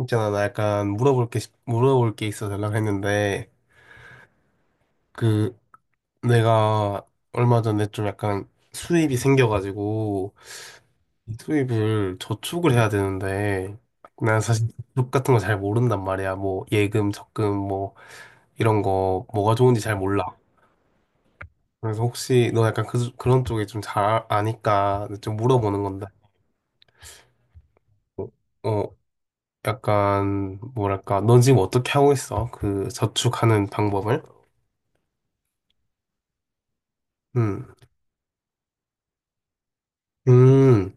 있잖아, 나 약간 물어볼 게 있어서 연락했는데, 그, 내가 얼마 전에 좀 약간 수입이 생겨가지고, 이 수입을 저축을 해야 되는데, 난 사실 저축 같은 거 잘 모른단 말이야. 뭐, 예금, 적금, 뭐, 이런 거, 뭐가 좋은지 잘 몰라. 그래서 혹시 너 약간 그, 그런 쪽에 좀 잘 아니까 좀 물어보는 건데, 어, 어, 약간, 뭐랄까, 넌 지금 어떻게 하고 있어? 그 저축하는 방법을? 음. 음.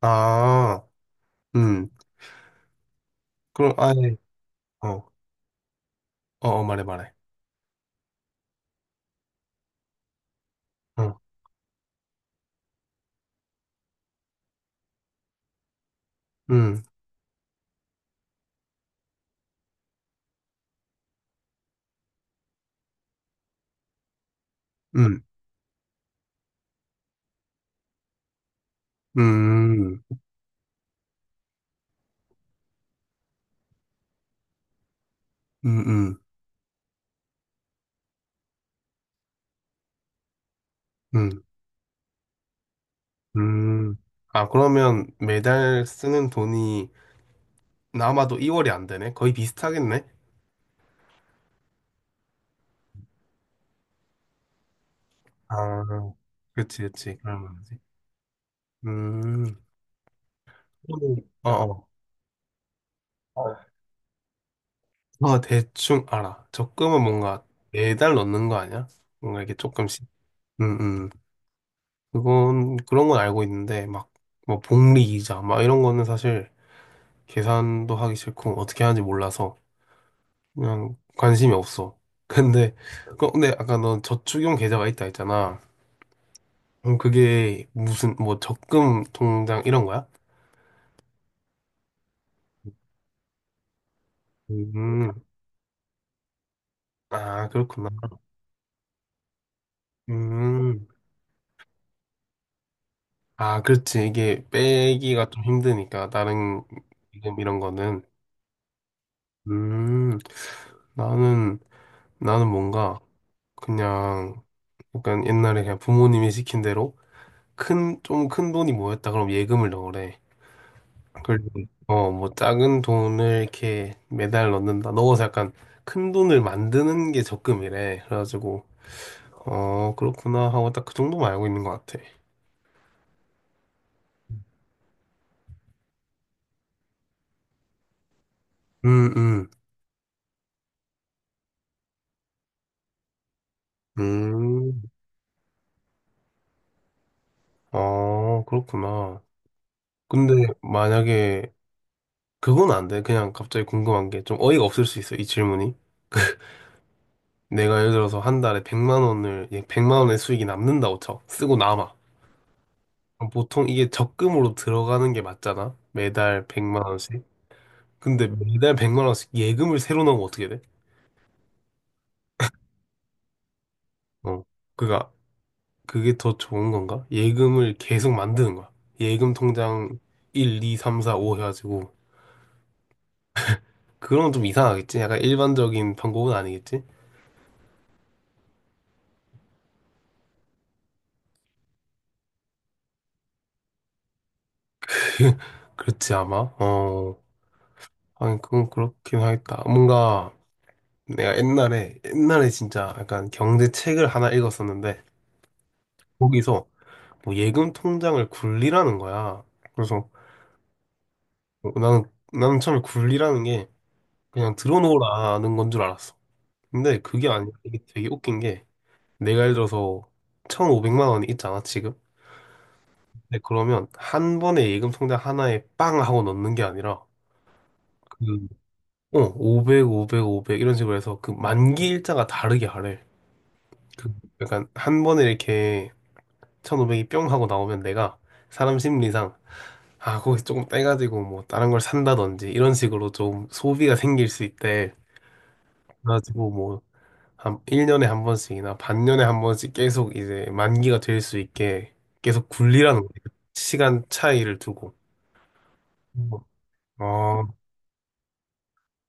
아, 음. 그럼 아예 어, 어, 말해 말해. 어, 음, 음, 음, 음, 음, 음, 음. 아, 그러면 매달 쓰는 돈이 남아도 이월이 안 되네? 거의 비슷하겠네? 아, 그렇그 그러면 되지. 음, 그러면, 어, 대충 알아. 적금은 뭔가 매달 넣는 거 아니야? 뭔가 이렇게 조금씩. 음, 음. 그건, 그런 건 알고 있는데, 막, 뭐, 복리 이자, 막 이런 거는 사실 계산도 하기 싫고 어떻게 하는지 몰라서 그냥 관심이 없어. 근데 근데 아까 넌 저축용 계좌가 있다 했잖아. 그럼 그게 무슨 뭐 적금 통장 이런 거야? 음, 아, 그렇구나. 음, 아, 그렇지. 이게 빼기가 좀 힘드니까, 다른 이름 이런 거는. 음, 나는, 나는 뭔가, 그냥, 약간 옛날에 그냥 부모님이 시킨 대로 큰, 좀 큰 돈이 모였다. 그럼 예금을 넣으래. 그리고 어, 뭐 작은 돈을 이렇게 매달 넣는다. 넣어서 약간 큰 돈을 만드는 게 적금이래. 그래가지고 어, 그렇구나 하고 딱 그 정도만 알고 있는 것 같아. 음, 음, 음. 어, 그렇구나. 근데 만약에 그건 안 돼. 그냥 갑자기 궁금한 게 좀 어이가 없을 수 있어. 이 질문이. 내가 예를 들어서 한 달에 100만 원을 100만 원의 수익이 남는다고 쳐. 쓰고 남아. 그럼 보통 이게 적금으로 들어가는 게 맞잖아. 매달 100만 원씩. 근데 매달 100만 원씩 예금을 새로 넣으면 어떻게 돼? 어. 그니까 그게 더 좋은 건가? 예금을 계속 만드는 거야. 예금 통장 1, 2, 3, 4, 5 해가지고 그런 건 좀 이상하겠지? 약간 일반적인 방법은 아니겠지? 그렇지 아마. 어. 아니 그건 그렇긴 하겠다. 뭔가 내가 옛날에 진짜 약간 경제 책을 하나 읽었었는데 거기서 뭐 예금 통장을 굴리라는 거야. 그래서 어, 나는 나는 처음에 굴리라는 게 그냥 들어놓으라는 건 줄 알았어. 근데 그게 아니라 이게 되게 웃긴 게 내가 예를 들어서 1,500만 원이 있잖아, 지금. 근데 그러면 한 번에 예금 통장 하나에 빵 하고 넣는 게 아니라 그 어, 500, 500, 500 이런 식으로 해서 그 만기 일자가 다르게 하래. 그 약간 한 번에 이렇게 1,500이 뿅 하고 나오면 내가 사람 심리상 아, 거기서 조금 떼가지고 뭐 다른 걸 산다든지 이런 식으로 좀 소비가 생길 수 있대. 그래가지고 뭐 한 1년에 한 번씩이나 반년에 한 번씩 계속 이제 만기가 될 수 있게 계속 굴리라는 거예요. 시간 차이를 두고. 아,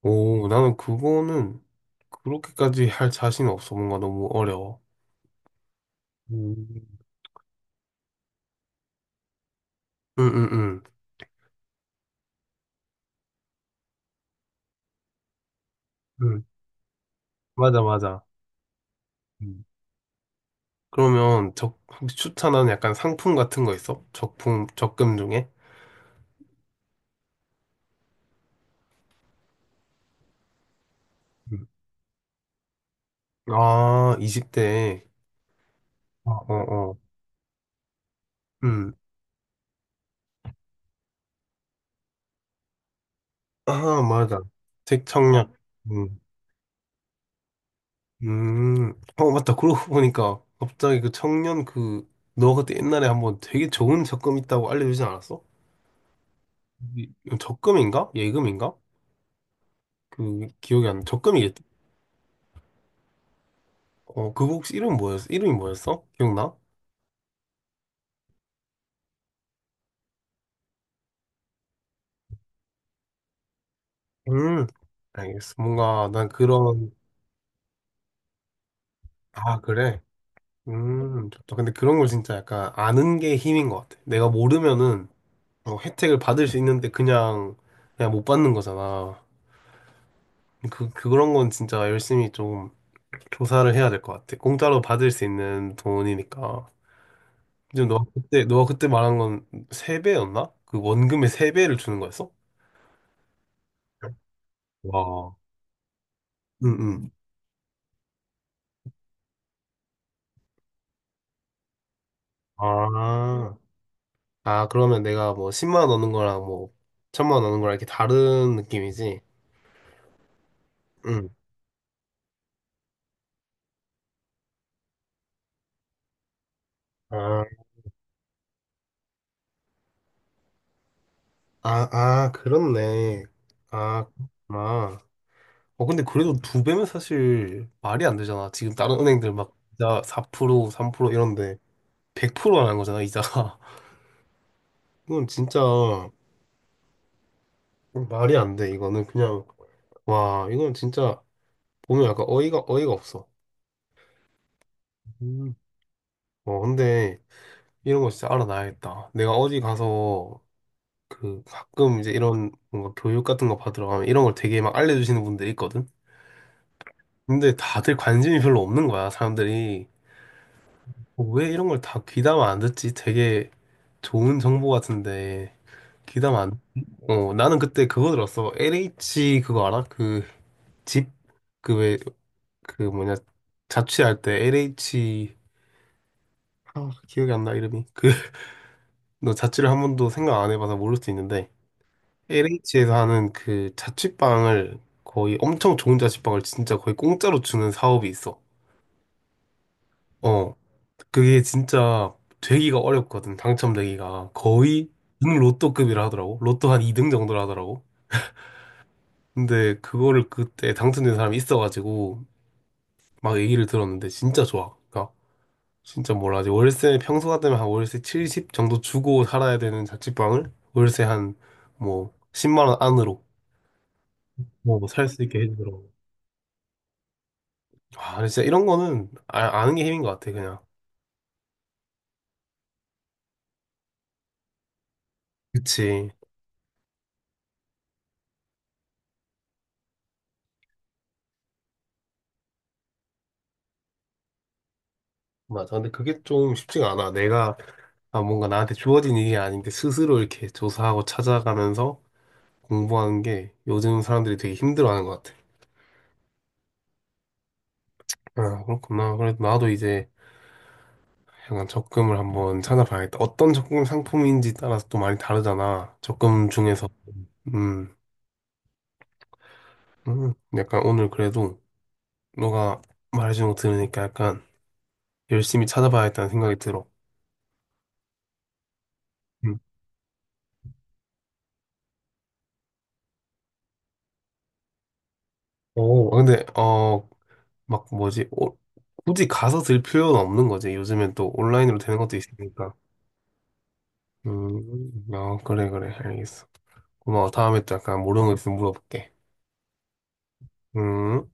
오, 나는 그거는 그렇게까지 할 자신 없어. 뭔가 너무 어려워. 음. 응, 응, 응. 응. 맞아, 맞아. 음. 그러면 적, 혹시 추천하는 약간 상품 같은 거 있어? 적품, 적금 중에? 음. 아, 20대. 어, 어, 어. 음. 아, 맞아. 책 청약. 음, 어, 맞다. 그러고 보니까 갑자기 그 청년 그, 너 그때 옛날에 한번 되게 좋은 적금 있다고 알려주지 않았어? 이 적금인가? 예금인가? 그, 기억이 안 나. 적금이겠지? 어, 그거 혹시 이름 뭐였어? 이름이 뭐였어? 기억나? 음, 알겠어. 뭔가 난 그런, 아, 그래? 좋다. 근데 그런 걸 진짜 약간 아는 게 힘인 것 같아. 내가 모르면은 어, 혜택을 받을 수 있는데 그냥, 그냥 못 받는 거잖아. 그런 건 진짜 열심히 좀 조사를 해야 될 것 같아. 공짜로 받을 수 있는 돈이니까. 지금 너 그때 너 그때 말한 건 세배였나그 원금의 세배를 주는 거였어? 와. 응응. 아. 아, 그러면 내가 뭐 10만 원 넣는 거랑 뭐 1,000만 원 넣는 거랑 이렇게 다른 느낌이지? 응. 아, 아, 그렇네. 아, 아. 어, 근데 그래도 두 배면 사실 말이 안 되잖아. 지금 다른 은행들 막 이자 4%, 3% 이런데 100%안 한 거잖아, 이자가. 이건 진짜 말이 안 돼. 이거는 그냥 와 이건 진짜 보면 약간 어이가 없어. 음, 어 근데 이런 거 진짜 알아놔야겠다. 내가 어디 가서 그 가끔 이제 이런 뭔가 교육 같은 거 받으러 가면 이런 걸 되게 막 알려주시는 분들이 있거든. 근데 다들 관심이 별로 없는 거야. 사람들이 어, 왜 이런 걸 다 귀담아 안 듣지? 되게 좋은 정보 같은데 귀담아 안. 듣지? 어 나는 그때 그거 들었어. LH 그거 알아? 그집그왜 그 뭐냐 자취할 때 LH 아, 기억이 안 나 이름이 그 너 자취를 한 번도 생각 안 해봐서 모를 수 있는데 LH에서 하는 그 자취방을 거의 엄청 좋은 자취방을 진짜 거의 공짜로 주는 사업이 있어. 어 그게 진짜 되기가 어렵거든 당첨되기가 거의 은 로또급이라 하더라고 로또 한 2등 정도라 하더라고. 근데 그거를 그때 당첨된 사람이 있어가지고 막 얘기를 들었는데 진짜 좋아. 그러니까 진짜 몰라. 지 월세 평소 같으면 한 월세 70 정도 주고 살아야 되는 자취방을 월세 한 뭐 10만 원 안으로 뭐 살 수 있게 해주더라고. 와, 근데 진짜 이런 거는 아, 아는 게 힘인 것 같아, 그냥. 그치. 맞아. 근데 그게 좀 쉽지가 않아. 내가 아, 뭔가 나한테 주어진 일이 아닌데 스스로 이렇게 조사하고 찾아가면서 공부하는 게 요즘 사람들이 되게 힘들어하는 것 같아. 아, 그렇구나. 그래도 나도 이제 약간 적금을 한번 찾아봐야겠다. 어떤 적금 상품인지 따라서 또 많이 다르잖아. 적금 중에서 음, 약간 오늘 그래도 너가 말해주는 거 들으니까 약간 열심히 찾아봐야겠다는 생각이 들어. 음. 오, 아, 근데 어, 막 뭐지? 오, 굳이 가서 들 필요는 없는 거지. 요즘엔 또 온라인으로 되는 것도 있으니까. 아, 그래, 그래. 알겠어. 고마워. 다음에 또 약간 모르는 거 있으면 물어볼게. 음.